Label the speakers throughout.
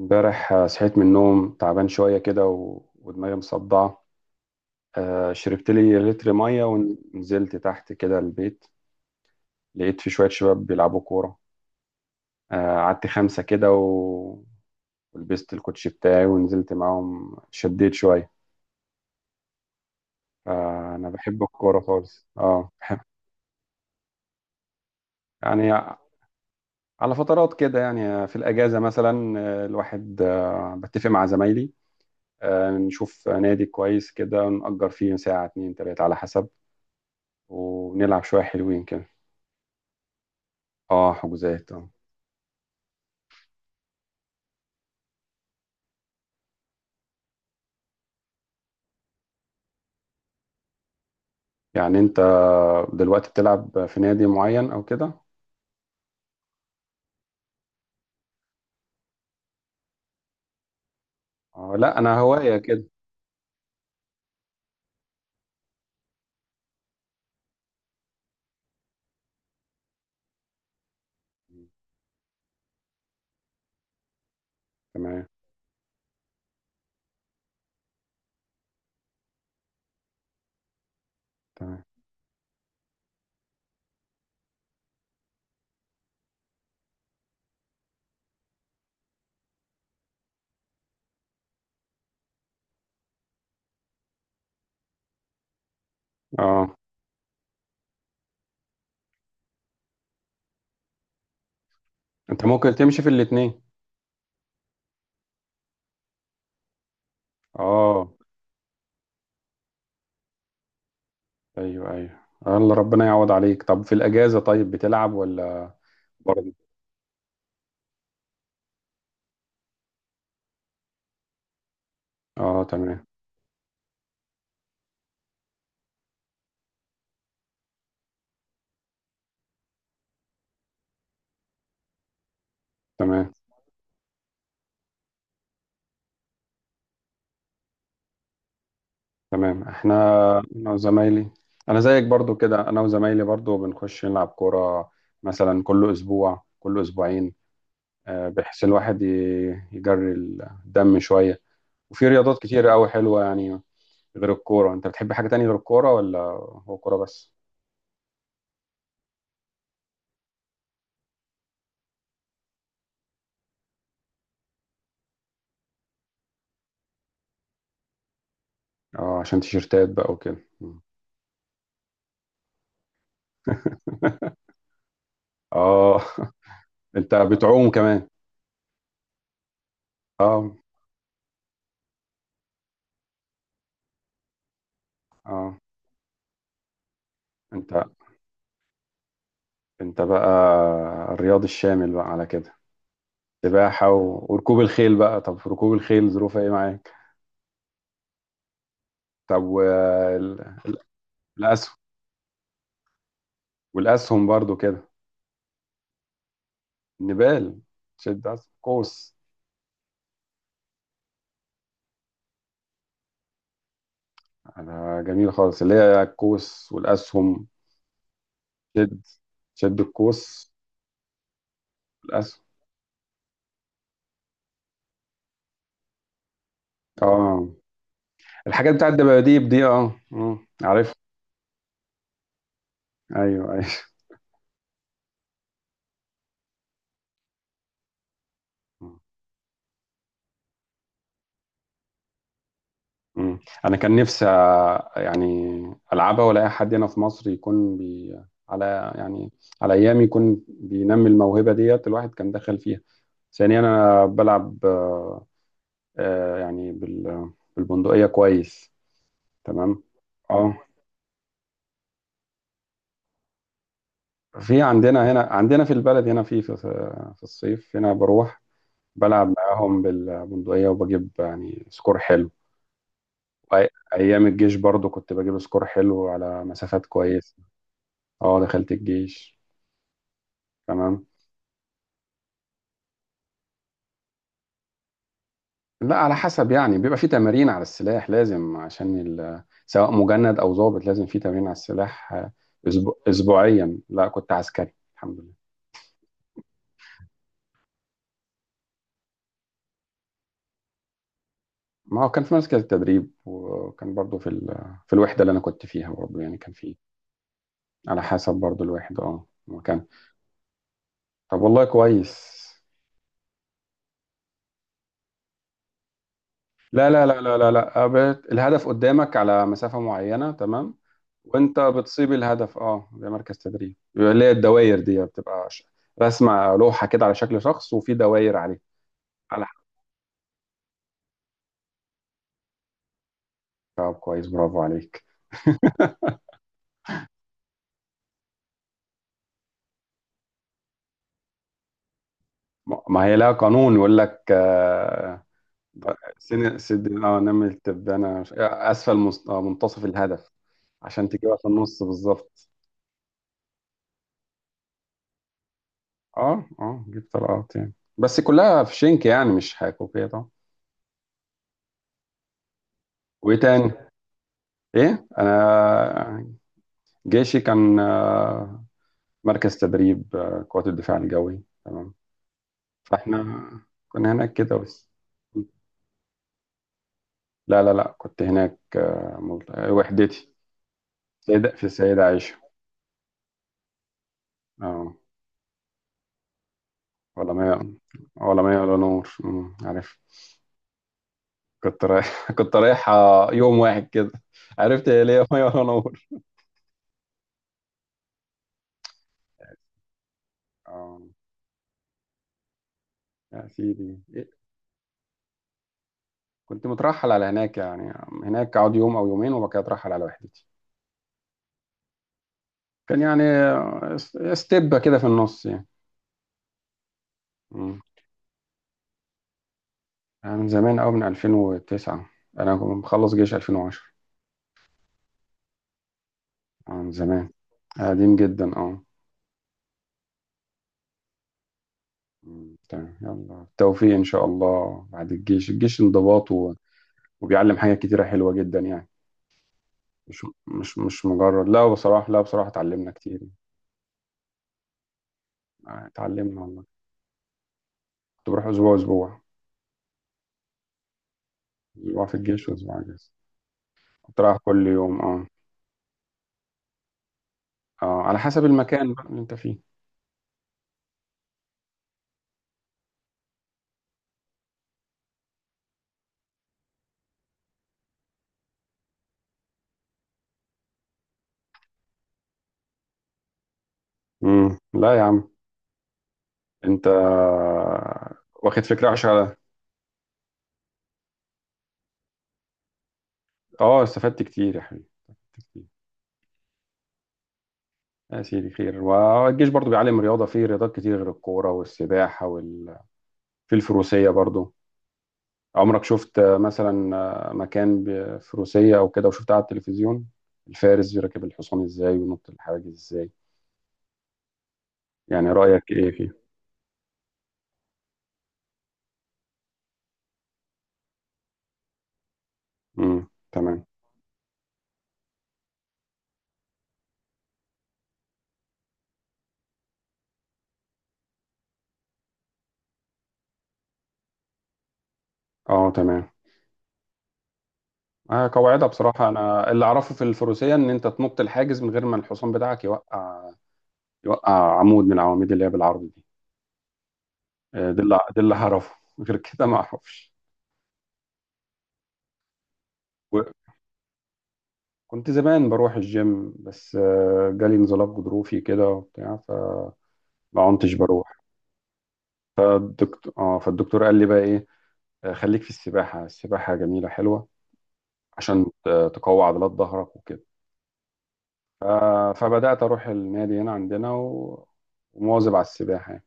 Speaker 1: امبارح صحيت من النوم تعبان شوية كده و... ودماغي مصدعة. شربت لي لتر مية ونزلت تحت كده البيت. لقيت في شوية شباب بيلعبوا كورة. قعدت خمسة كده و... ولبست الكوتشي بتاعي ونزلت معاهم شديت شوية. أنا بحب الكورة خالص، اه بحب. يعني على فترات كده، يعني في الأجازة مثلا الواحد بتفق مع زمايلي. نشوف نادي كويس كده، نأجر فيه ساعة اتنين تلاتة على حسب. ونلعب شوية حلوين كده. اه، حجوزات، اه. يعني انت دلوقتي بتلعب في نادي معين او كده؟ اه، لا، انا هواية كده. تمام، تمام. اه، انت ممكن تمشي في الاتنين. اه، ايوه، ايوه. الله، ربنا يعوض عليك. طب في الاجازة طيب بتلعب ولا؟ برضه اه تمام. تمام، تمام. احنا انا وزمايلي، انا زيك برضو كده، انا وزمايلي برضو بنخش نلعب كورة مثلا كل اسبوع، كل اسبوعين. بحيث الواحد يجري الدم شوية. وفي رياضات كتيرة أوي حلوة يعني. غير الكورة، أنت بتحب حاجة تانية غير الكورة، ولا هو كورة بس؟ اه، عشان تيشيرتات بقى وكده. مم. اه أنت بتعوم كمان؟ اه، اه. أنت أنت بقى الرياضي الشامل بقى على كده، سباحة و... وركوب الخيل بقى. طب ركوب الخيل ظروفها إيه معاك؟ طب الأسهم. والأسهم برضو كده. النبال، شد أسهم قوس. انا جميل خالص اللي هي الكوس والاسهم. شد، شد الكوس. الاسهم. اه، الحاجات بتاعت الدباديب دي، اه، عارف. ايوه، ايوه. مم. انا كان نفسي يعني العبها، ولا اي حد هنا في مصر يكون بي، على يعني، على ايامي يكون بينمي الموهبه ديت الواحد كان دخل فيها. ثانيا انا بلعب يعني بالبندقيه كويس. تمام. اه، في عندنا هنا، عندنا في البلد هنا في، في الصيف هنا بروح بلعب معاهم بالبندقية وبجيب يعني سكور حلو. وأيام الجيش برضو كنت بجيب سكور حلو على مسافات كويسة. اه، دخلت الجيش، تمام. لا، على حسب يعني بيبقى في تمارين على السلاح لازم عشان سواء مجند أو ضابط لازم في تمارين على السلاح أسبوعيا. لا، كنت عسكري، الحمد لله. ما هو كان في مركز التدريب، وكان برضو في الوحدة اللي أنا كنت فيها برضو يعني كان في. على حسب برضو الواحد، اه، مكان. طب والله كويس. لا، لا، لا، لا، لا، لا، أبد. الهدف قدامك على مسافة معينة، تمام. وانت بتصيب الهدف، اه، ده مركز تدريب، بيبقى اللي هي الدوائر دي بتبقى رسمة لوحة كده على شكل شخص وفي دوائر عليه. على حسب. طب كويس، برافو عليك. ما هي لها قانون يقول لك سن سد، اه نمل تبدأ، انا اسفل منتصف الهدف، عشان تجيبها في النص بالظبط. اه، اه، جيب طلقات يعني، بس كلها في شنك يعني، مش حكوكية طبعا. وايه تاني؟ ايه؟ انا جيشي كان مركز تدريب قوات الدفاع الجوي، تمام. فاحنا كنا هناك كده بس. لا، لا، لا، كنت هناك وحدتي. سيدة، في السيدة عائشة. اه، ولا ما ولا ما ولا نور، عارف. كنت رايح كنت رايح يوم واحد كده، عرفت هي ليه مية ولا نور. اه، يا سيدي، كنت مترحل على هناك يعني، هناك اقعد يوم او يومين وبعد كده اترحل على وحدتي. كان يعني ستيب كده في النص يعني. مم. أنا من زمان قوي، من 2009. انا كنت مخلص جيش 2010. من زمان، قديم جدا، اه. مم. تمام، يلا التوفيق ان شاء الله بعد الجيش. الجيش انضباط و... وبيعلم حاجات كتيرة حلوة جدا يعني. مش مجرد، لا بصراحة، لا بصراحة اتعلمنا كتير. اتعلمنا والله. كنت بروح اسبوع اسبوع، اسبوع في الجيش واسبوع اجازة. كنت رايح كل يوم. اه، اه، على حسب المكان بقى اللي انت فيه. امم، لا يا عم، انت واخد فكرة وحشة على. اه، استفدت كتير يا حبيبي، استفدت كتير. يا سيدي خير، والجيش برضو بيعلم رياضة، فيه رياضات كتير غير الكورة والسباحة وال... في الفروسية برضو. عمرك شفت مثلا مكان بفروسية او كده، وشفتها على التلفزيون؟ الفارس بيركب الحصان ازاي وينط الحواجز ازاي، يعني رأيك ايه فيه؟ امم، تمام. اه، تمام. قواعدها بصراحة، أنا اللي أعرفه في الفروسية إن أنت تنط الحاجز من غير ما الحصان بتاعك يوقع عمود من العواميد اللي هي بالعرض دي. ده اللي أعرفه. غير كده ما أعرفش. وكنت زمان بروح الجيم، بس جالي انزلاق غضروفي كده وبتاع، فما كنتش بروح. فالدكتور قال لي بقى إيه، خليك في السباحة، السباحة جميلة حلوة عشان تقوي عضلات ظهرك وكده. ف- فبدأت أروح النادي هنا عندنا و- ومواظب على السباحة يعني.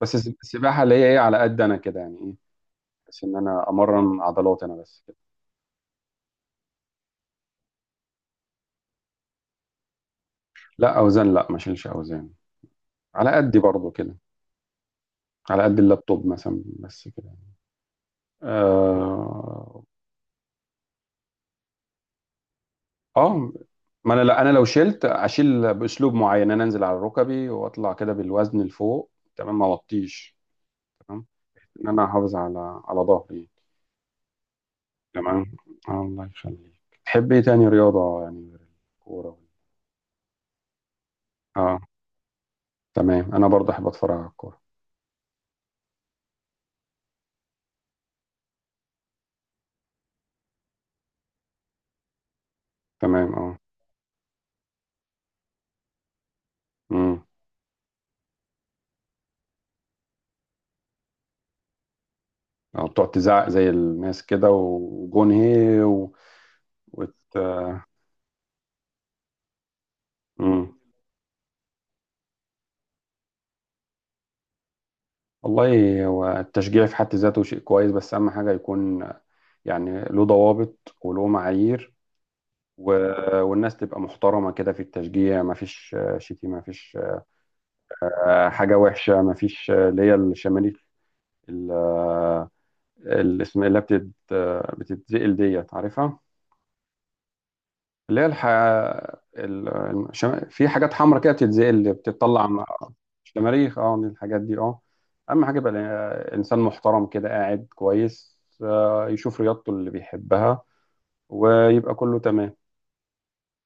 Speaker 1: بس السباحة اللي هي ايه، على قد انا كده يعني ايه، بس انا امرن عضلات انا بس كده. لا، اوزان لا، ما اشيلش اوزان. على قدي برضو كده، على قد اللابتوب مثلا بس كده. اه، آه، ما انا، لا انا لو شلت اشيل باسلوب معين، انا انزل على ركبي واطلع كده بالوزن لفوق، تمام، ما اوطيش، تمام، انا احافظ على ظهري. تمام، الله يخليك. تحب ايه تاني رياضة يعني غير الكورة؟ اه، تمام. انا برضه احب اتفرج على الكورة، تمام، اه. مم. أو تقعد تزعق زي الناس كده وجون هي و... وت... مم. والله هو التشجيع في حد ذاته شيء كويس، بس أهم حاجة يكون يعني له ضوابط وله معايير و... والناس تبقى محترمة كده في التشجيع، ما فيش شتيمة، ما فيش حاجة وحشة، ما فيش اللي هي الشماليك، ال- الاسم اللي بتتزقل ديت عارفها، اللي هي ال... في حاجات حمراء كده بتتزقل بتطلع شماريخ، اه من الحاجات دي، اه. اهم حاجه يبقى انسان محترم كده قاعد كويس، يشوف رياضته اللي بيحبها، ويبقى كله تمام.